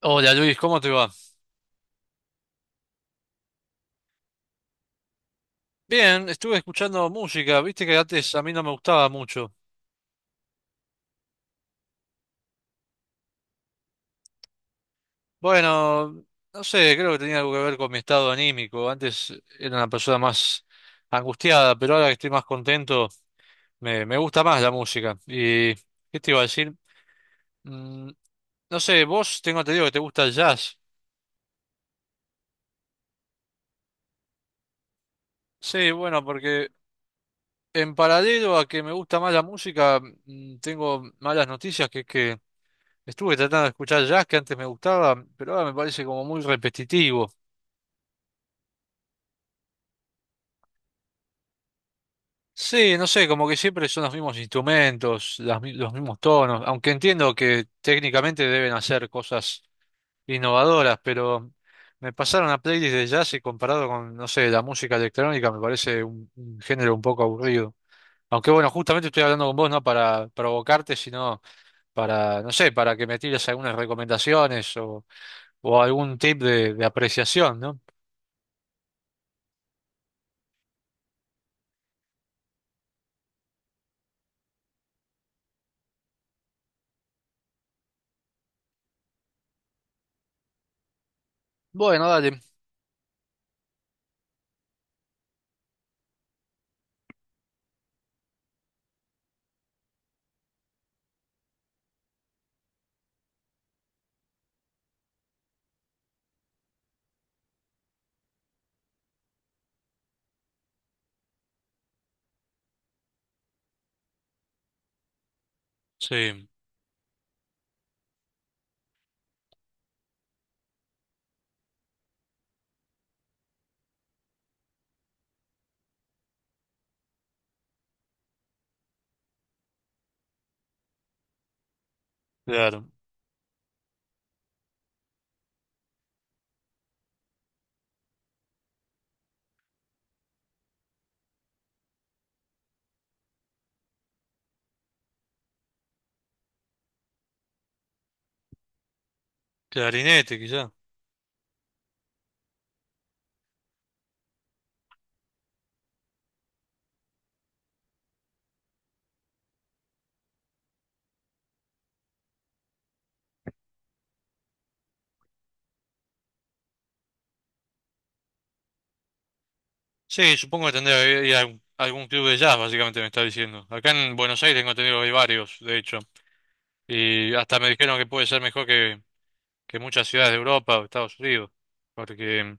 Hola Luis, ¿cómo te va? Bien, estuve escuchando música, viste que antes a mí no me gustaba mucho. Bueno, no sé, creo que tenía algo que ver con mi estado anímico. Antes era una persona más angustiada, pero ahora que estoy más contento, me gusta más la música. ¿Y qué te iba a decir? Mm, no sé, vos tengo entendido que te gusta el jazz. Sí, bueno, porque en paralelo a que me gusta más la música, tengo malas noticias, que es que estuve tratando de escuchar jazz que antes me gustaba, pero ahora me parece como muy repetitivo. Sí, no sé, como que siempre son los mismos instrumentos, los mismos tonos, aunque entiendo que técnicamente deben hacer cosas innovadoras, pero me pasaron a playlist de jazz y comparado con, no sé, la música electrónica me parece un género un poco aburrido. Aunque bueno, justamente estoy hablando con vos no para provocarte, sino para, no sé, para que me tires algunas recomendaciones o algún tip de apreciación, ¿no? Bueno, dale. Sí, claro. Clarinete, quizá. Sí, supongo que tendría que ir a algún club de jazz, básicamente me está diciendo. Acá en Buenos Aires tengo entendido que hay varios, de hecho. Y hasta me dijeron que puede ser mejor que muchas ciudades de Europa o Estados Unidos. Porque,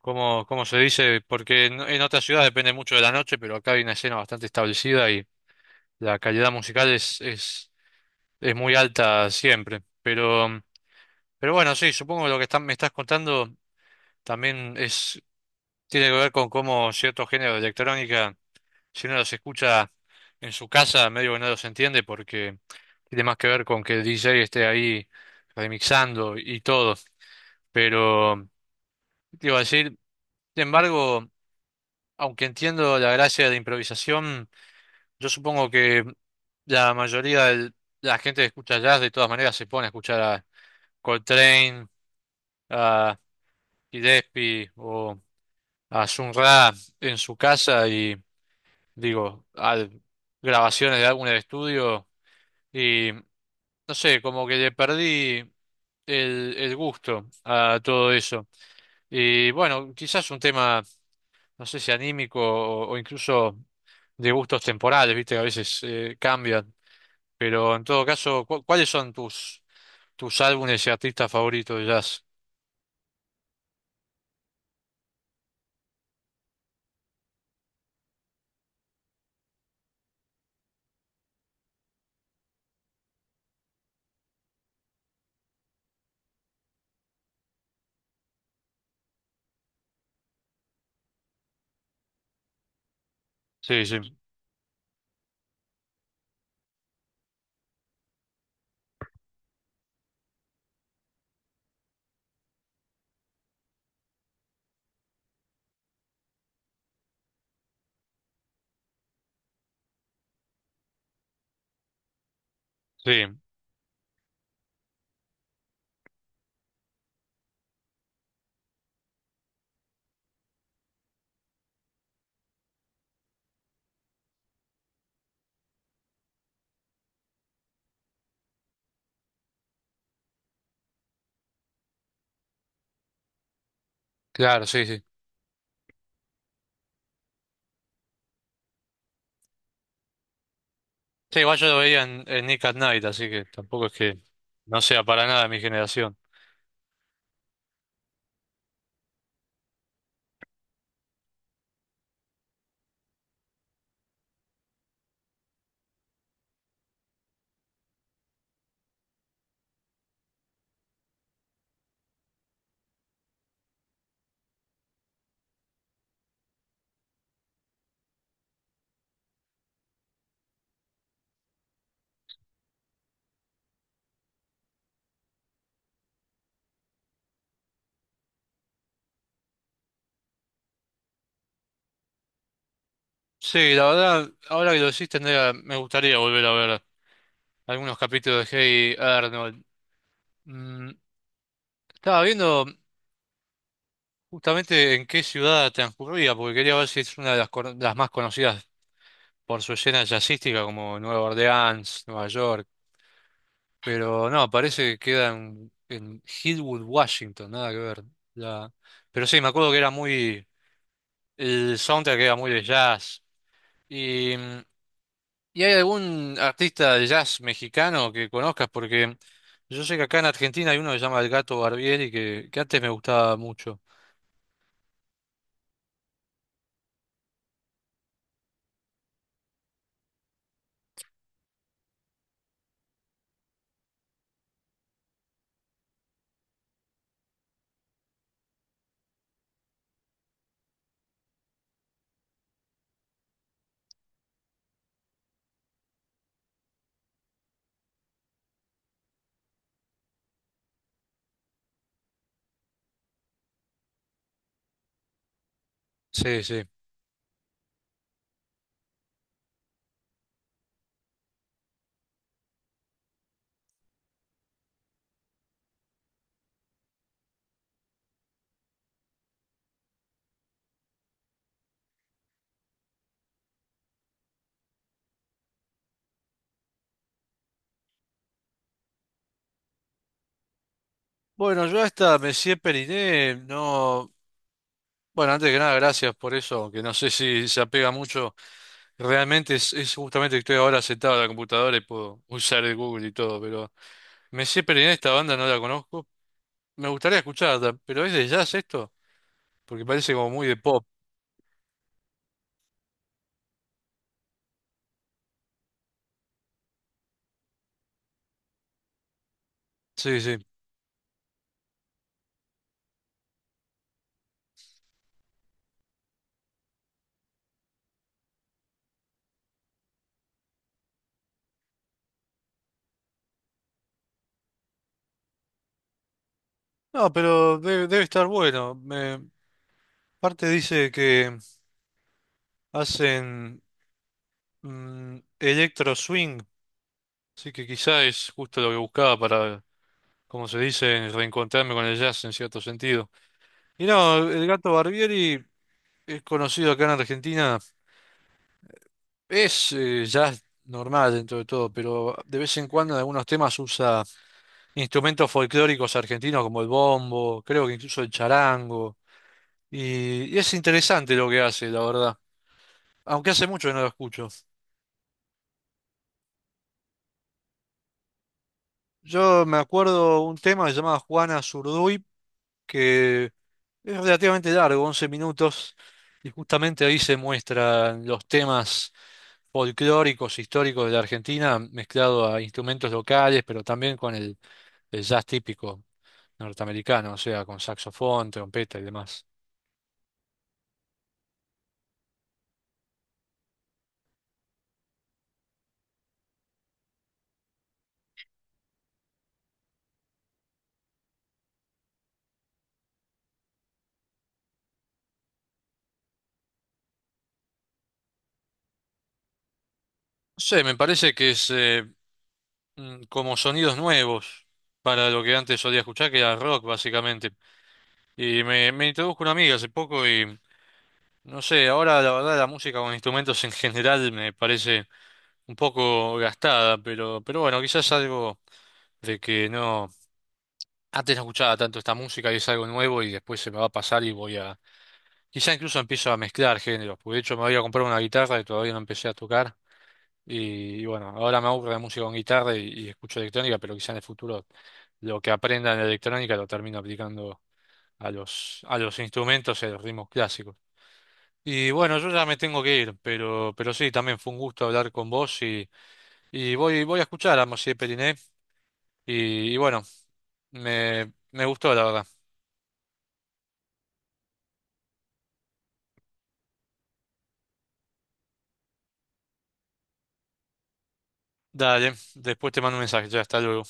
como se dice, porque en otras ciudades depende mucho de la noche, pero acá hay una escena bastante establecida y la calidad musical es muy alta siempre. Pero bueno, sí, supongo que lo que me estás contando. También es, tiene que ver con cómo ciertos géneros de electrónica, si uno los escucha en su casa, medio que no los entiende porque tiene más que ver con que el DJ esté ahí remixando y todo. Pero, te iba a decir, sin embargo, aunque entiendo la gracia de la improvisación, yo supongo que la mayoría de la gente que escucha jazz de todas maneras se pone a escuchar a Coltrane, a Gillespie o a Sun Ra en su casa y digo, a grabaciones de álbumes de estudio y no sé, como que le perdí el gusto a todo eso. Y bueno, quizás un tema, no sé si anímico o incluso de gustos temporales, viste que a veces cambian, pero en todo caso, ¿cuáles son tus, tus álbumes y artistas favoritos de jazz? Sí, sí, sí, claro, sí, sí. Sí, igual yo lo veía en Nick at Night, así que tampoco es que no sea para nada de mi generación. Sí, la verdad, ahora que lo decís, tendría, me gustaría volver a ver algunos capítulos de Hey Arnold. Mm, estaba viendo justamente en qué ciudad transcurría, porque quería ver si es una de las, las más conocidas por su escena jazzística, como Nueva Orleans, Nueva York. Pero no, parece que queda en Hillwood, Washington, nada que ver. La... Pero sí, me acuerdo que era muy... El soundtrack era muy de jazz. ¿Y, y hay algún artista de jazz mexicano que conozcas? Porque yo sé que acá en Argentina hay uno que se llama El Gato Barbieri, que antes me gustaba mucho. Sí, sí. Bueno, yo hasta Messier Periné, no... Bueno, antes que nada, gracias por eso, que no sé si se apega mucho. Realmente es justamente que estoy ahora sentado en la computadora y puedo usar el Google y todo, pero Messier Periné, esta banda no la conozco. Me gustaría escucharla, pero ¿es de jazz esto? Porque parece como muy de pop. Sí, sí. No, pero debe, debe estar bueno. Me, parte dice que hacen electro swing, así que quizá es justo lo que buscaba para, como se dice, reencontrarme con el jazz en cierto sentido. Y no, el gato Barbieri es conocido acá en Argentina, es jazz normal dentro de todo, pero de vez en cuando en algunos temas usa instrumentos folclóricos argentinos como el bombo, creo que incluso el charango, y es interesante lo que hace, la verdad. Aunque hace mucho que no lo escucho. Yo me acuerdo un tema que se llamaba Juana Zurduy, que es relativamente largo, 11 minutos, y justamente ahí se muestran los temas folclóricos, históricos de la Argentina, mezclado a instrumentos locales, pero también con el jazz típico norteamericano, o sea, con saxofón, trompeta y demás. No sé, me parece que es como sonidos nuevos para lo que antes solía escuchar, que era rock básicamente. Y me introdujo una amiga hace poco y no sé, ahora la verdad la música con instrumentos en general me parece un poco gastada, pero bueno, quizás algo de que no, antes no escuchaba tanto esta música y es algo nuevo y después se me va a pasar y voy a, quizá incluso empiezo a mezclar géneros, porque de hecho me voy a comprar una guitarra y todavía no empecé a tocar y bueno, ahora me aburre la música con guitarra y escucho electrónica, pero quizá en el futuro lo que aprenda en la electrónica lo termino aplicando a a los instrumentos y a los ritmos clásicos. Y bueno, yo ya me tengo que ir, pero sí, también fue un gusto hablar con vos y voy a escuchar a Mosié Periné y bueno, me gustó la verdad. Dale, después te mando un mensaje, ya hasta luego.